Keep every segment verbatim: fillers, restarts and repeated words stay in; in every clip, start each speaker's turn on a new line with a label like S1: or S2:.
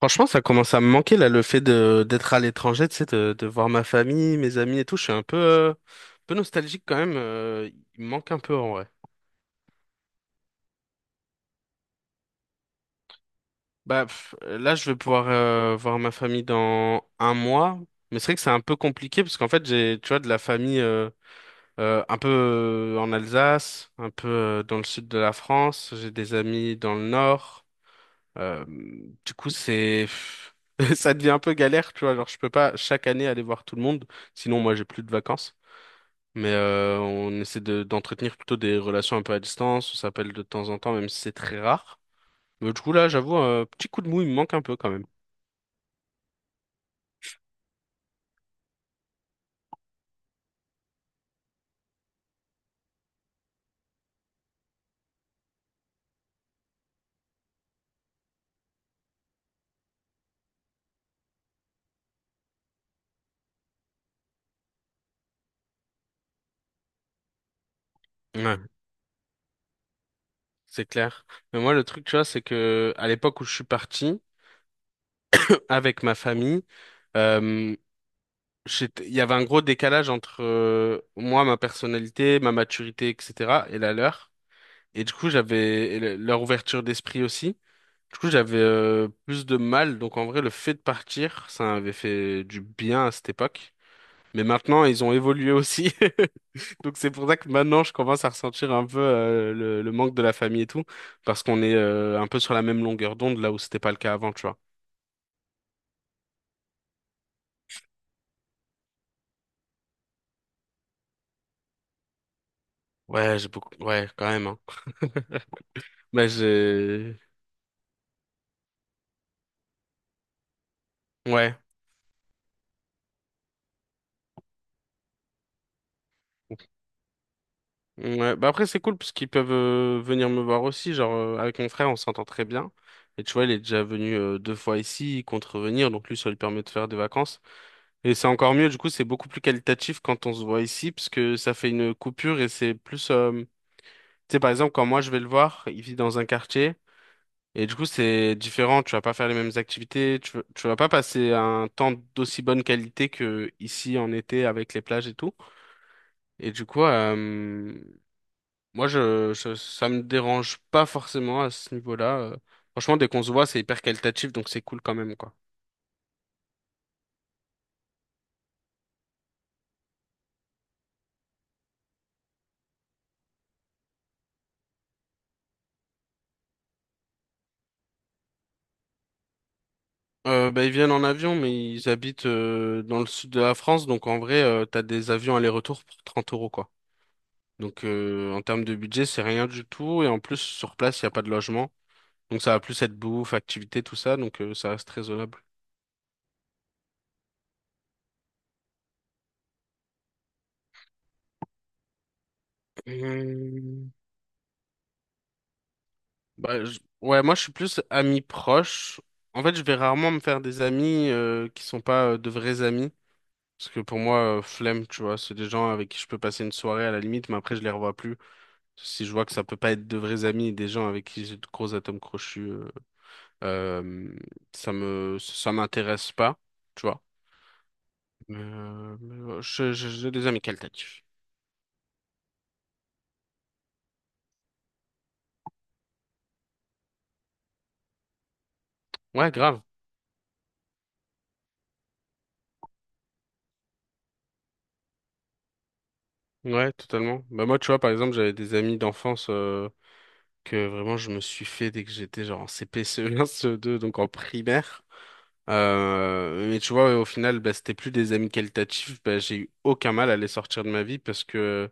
S1: Franchement, ça commence à me manquer là, le fait de d'être à l'étranger, tu sais, de, de voir ma famille, mes amis et tout. Je suis un peu, euh, un peu nostalgique quand même. Euh, il me manque un peu en vrai. Bah pff, là, je vais pouvoir euh, voir ma famille dans un mois, mais c'est vrai que c'est un peu compliqué parce qu'en fait, j'ai, tu vois, de la famille euh, euh, un peu euh, en Alsace, un peu euh, dans le sud de la France. J'ai des amis dans le nord. Euh, du coup, c'est ça devient un peu galère, tu vois. Genre, je peux pas chaque année aller voir tout le monde, sinon moi j'ai plus de vacances. Mais euh, on essaie de d'entretenir plutôt des relations un peu à distance. On s'appelle de temps en temps, même si c'est très rare. Mais du coup là, j'avoue, un petit coup de mou, il me manque un peu quand même. Ouais, c'est clair. Mais moi, le truc, tu vois, c'est que à l'époque où je suis parti avec ma famille, euh, j'étais- il y avait un gros décalage entre euh, moi, ma personnalité, ma maturité, et cetera, et la leur. Et du coup, j'avais et le- leur ouverture d'esprit aussi. Du coup, j'avais euh, plus de mal. Donc, en vrai, le fait de partir, ça avait fait du bien à cette époque. Mais maintenant, ils ont évolué aussi. Donc, c'est pour ça que maintenant, je commence à ressentir un peu euh, le, le manque de la famille et tout. Parce qu'on est euh, un peu sur la même longueur d'onde, là où c'était pas le cas avant, tu vois. Ouais, j'ai beaucoup. Ouais, quand même. Hein. Bah, j'ai. Ouais. Ouais, bah après c'est cool parce qu'ils peuvent euh, venir me voir aussi, genre euh, avec mon frère on s'entend très bien. Et tu vois, il est déjà venu euh, deux fois ici, contrevenir, donc lui ça lui permet de faire des vacances. Et c'est encore mieux, du coup c'est beaucoup plus qualitatif quand on se voit ici, parce que ça fait une coupure et c'est plus, euh, tu sais par exemple quand moi je vais le voir, il vit dans un quartier, et du coup c'est différent, tu vas pas faire les mêmes activités, tu, vas- tu vas pas passer un temps d'aussi bonne qualité que ici en été avec les plages et tout. Et du coup, euh, moi, je, je- ça me dérange pas forcément à ce niveau-là. euh. Franchement, dès qu'on se voit, c'est hyper qualitatif, donc c'est cool quand même, quoi. Euh, bah, ils viennent en avion, mais ils habitent euh, dans le sud de la France, donc en vrai, euh, t'as des avions aller-retour pour trente euros, quoi. Donc euh, en termes de budget, c'est rien du tout, et en plus, sur place, il n'y a pas de logement. Donc ça va plus être bouffe, activité, tout ça, donc euh, ça reste raisonnable. Hum. Bah, je- ouais, moi, je suis plus ami proche. En fait, je vais rarement me faire des amis euh, qui sont pas euh, de vrais amis. Parce que pour moi, euh, flemme, tu vois, c'est des gens avec qui je peux passer une soirée à la limite, mais après je les revois plus. Si je vois que ça peut pas être de vrais amis, des gens avec qui j'ai de gros atomes crochus, euh, euh, ça me, ça m'intéresse pas, tu vois. Mais, euh, mais, euh, je- je- j'ai des amis qualitatifs. Ouais, grave. Ouais, totalement. Bah moi, tu vois, par exemple, j'avais des amis d'enfance euh, que vraiment je me suis fait dès que j'étais genre en C P, C E un, C E deux, donc en primaire. Euh, mais tu vois, au final, bah, c'était plus des amis qualitatifs. Bah, j'ai eu aucun mal à les sortir de ma vie parce que,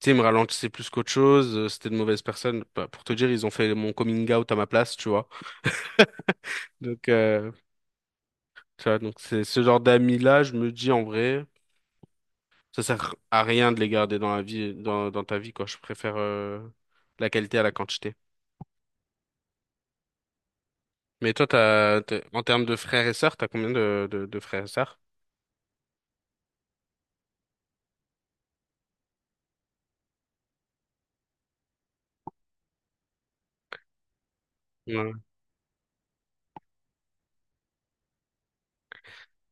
S1: tu sais, ils me ralentissaient plus qu'autre chose. euh, C'était de mauvaises personnes. Bah, pour te dire, ils ont fait mon coming out à ma place, tu vois. Donc, euh, tu vois, donc c'est ce genre d'amis-là, je me dis en vrai, ça sert à rien de les garder dans la vie, dans, dans ta vie, quoi. Je préfère, euh, la qualité à la quantité. Mais toi, t'as, t'es- en termes de frères et sœurs, t'as combien de, de, de frères et sœurs? Ouais.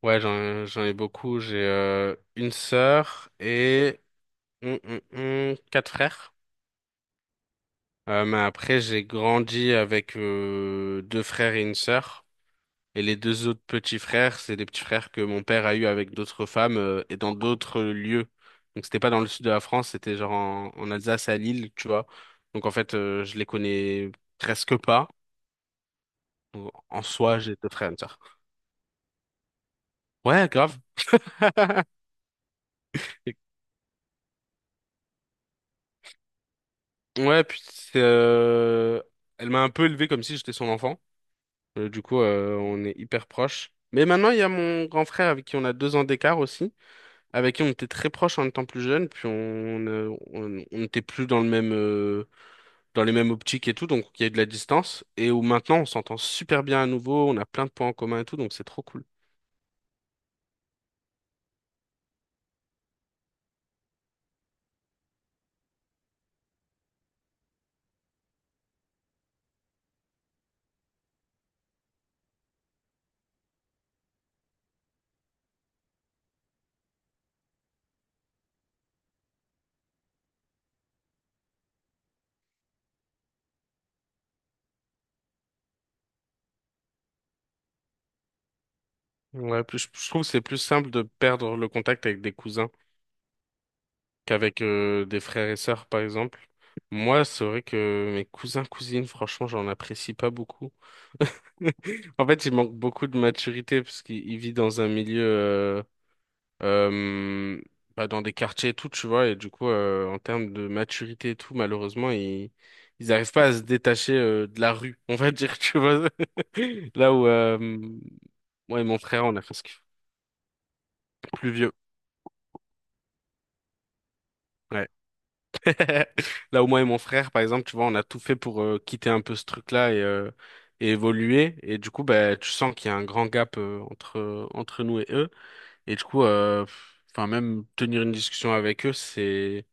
S1: Ouais, j'en, j'en ai beaucoup. J'ai euh, une sœur et hum, hum, hum, quatre frères. Euh, mais après, j'ai grandi avec euh, deux frères et une sœur. Et les deux autres petits frères, c'est des petits frères que mon père a eu avec d'autres femmes euh, et dans d'autres lieux. Donc c'était pas dans le sud de la France, c'était genre en, en Alsace à Lille, tu vois. Donc en fait, euh, je les connais presque pas. Donc, en soi, j'ai deux frères et une sœur. Ouais, grave. Et- Ouais, puis c'est, euh, elle m'a un peu élevé comme si j'étais son enfant. Euh, du coup, euh, on est hyper proches. Mais maintenant, il y a mon grand frère avec qui on a deux ans d'écart aussi, avec qui on était très proches en étant plus jeunes, puis on, euh, on, on n'était plus dans le même, euh, dans les mêmes optiques et tout, donc il y a eu de la distance, et où maintenant on s'entend super bien à nouveau, on a plein de points en commun et tout, donc c'est trop cool. Ouais, plus, je trouve que c'est plus simple de perdre le contact avec des cousins qu'avec euh, des frères et sœurs, par exemple. Moi, c'est vrai que mes cousins, cousines, franchement, j'en apprécie pas beaucoup. En fait, il manque beaucoup de maturité parce qu'il il vit dans un milieu, euh, euh, bah, dans des quartiers et tout, tu vois. Et du coup, euh, en termes de maturité et tout, malheureusement, ils ils n'arrivent pas à se détacher euh, de la rue, on va dire, tu vois. Là où euh, moi et mon frère, on a fait ce qu'il faut. Plus vieux. Ouais. Là où moi et mon frère, par exemple, tu vois, on a tout fait pour euh, quitter un peu ce truc-là et, euh, et évoluer. Et du coup, bah, tu sens qu'il y a un grand gap euh, entre entre nous et eux. Et du coup, euh, enfin même tenir une discussion avec eux, c'est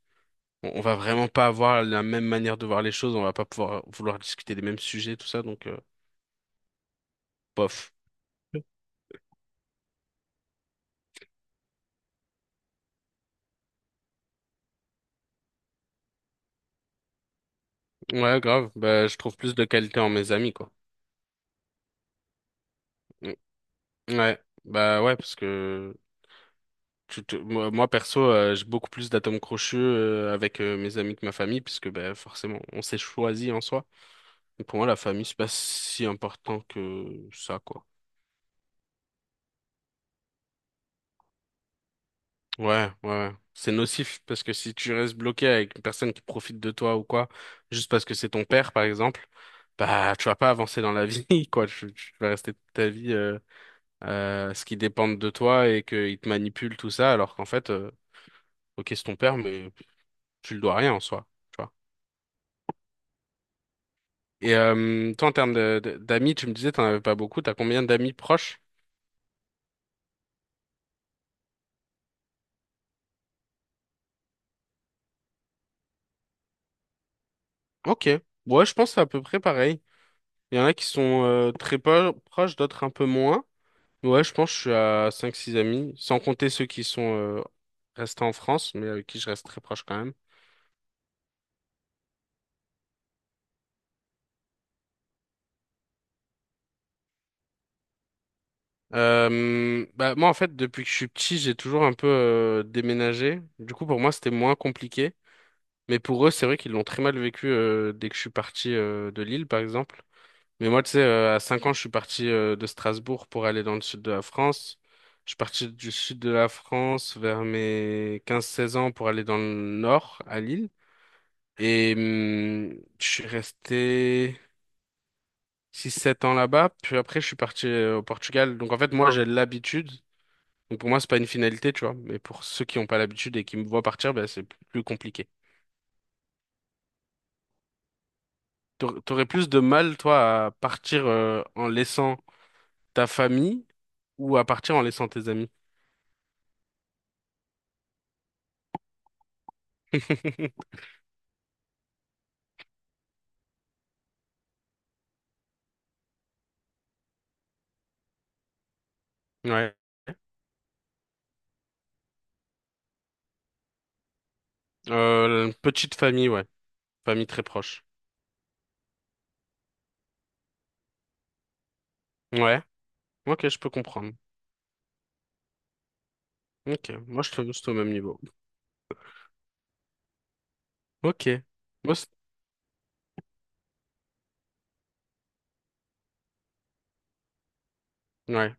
S1: on, on va vraiment pas avoir la même manière de voir les choses, on va pas pouvoir vouloir discuter des mêmes sujets, tout ça, donc euh, bof. Ouais, grave. Bah, je trouve plus de qualité en mes amis, quoi. Mm. Ouais, bah ouais, parce que tu te- moi, moi, perso, euh, j'ai beaucoup plus d'atomes crochus euh, avec euh, mes amis que ma famille, puisque bah, forcément, on s'est choisi en soi. Et pour moi, la famille, c'est pas si important que ça, quoi. Ouais, ouais, ouais. C'est nocif parce que si tu restes bloqué avec une personne qui profite de toi ou quoi, juste parce que c'est ton père, par exemple, bah, tu vas pas avancer dans la vie, quoi. Tu, tu vas rester toute ta vie, euh, euh, ce qui dépend de toi et qu'il te manipule tout ça, alors qu'en fait, euh, ok, c'est ton père, mais tu le dois rien en soi, tu vois. Et euh, toi, en termes de- de- d'amis, tu me disais, t'en avais pas beaucoup. T'as combien d'amis proches? Ok. Ouais, je pense que c'est à peu près pareil. Il y en a qui sont euh, très po- proches, d'autres un peu moins. Ouais, je pense que je suis à cinq six amis, sans compter ceux qui sont euh, restés en France, mais avec qui je reste très proche quand même. Euh, bah, moi, en fait, depuis que je suis petit, j'ai toujours un peu euh, déménagé. Du coup, pour moi, c'était moins compliqué. Mais pour eux, c'est vrai qu'ils l'ont très mal vécu euh, dès que je suis parti euh, de Lille, par exemple. Mais moi, tu sais, euh, à cinq ans, je suis parti euh, de Strasbourg pour aller dans le sud de la France. Je suis parti du sud de la France vers mes quinze seize ans pour aller dans le nord, à Lille. Et hum, je suis resté six sept ans là-bas. Puis après, je suis parti euh, au Portugal. Donc en fait, moi, j'ai l'habitude. Donc pour moi, c'est pas une finalité, tu vois. Mais pour ceux qui n'ont pas l'habitude et qui me voient partir, ben, c'est plus compliqué. T'aur- T'aurais plus de mal, toi, à partir euh, en laissant ta famille ou à partir en laissant tes amis? Ouais. Euh, petite famille, ouais. Famille très proche. Ouais. Ok, je peux comprendre. Ok. Moi, je te juste au même niveau. Ok. Moi, c'est- ouais.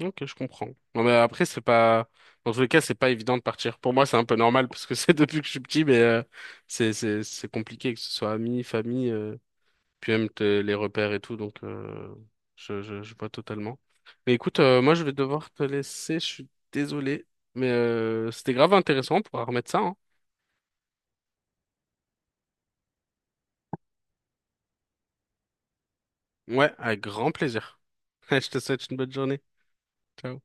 S1: Ok, je comprends. Non, mais après, c'est pas, dans tous les cas, c'est pas évident de partir. Pour moi, c'est un peu normal parce que c'est depuis que je suis petit, mais euh, c'est c'est c'est compliqué que ce soit amis, famille, euh, puis même te- les repères et tout. Donc, euh, je je je vois totalement. Mais écoute, euh, moi, je vais devoir te laisser. Je suis désolé, mais euh, c'était grave intéressant. On pourra remettre ça, hein. Ouais, avec grand plaisir. Je te souhaite une bonne journée. Ciao.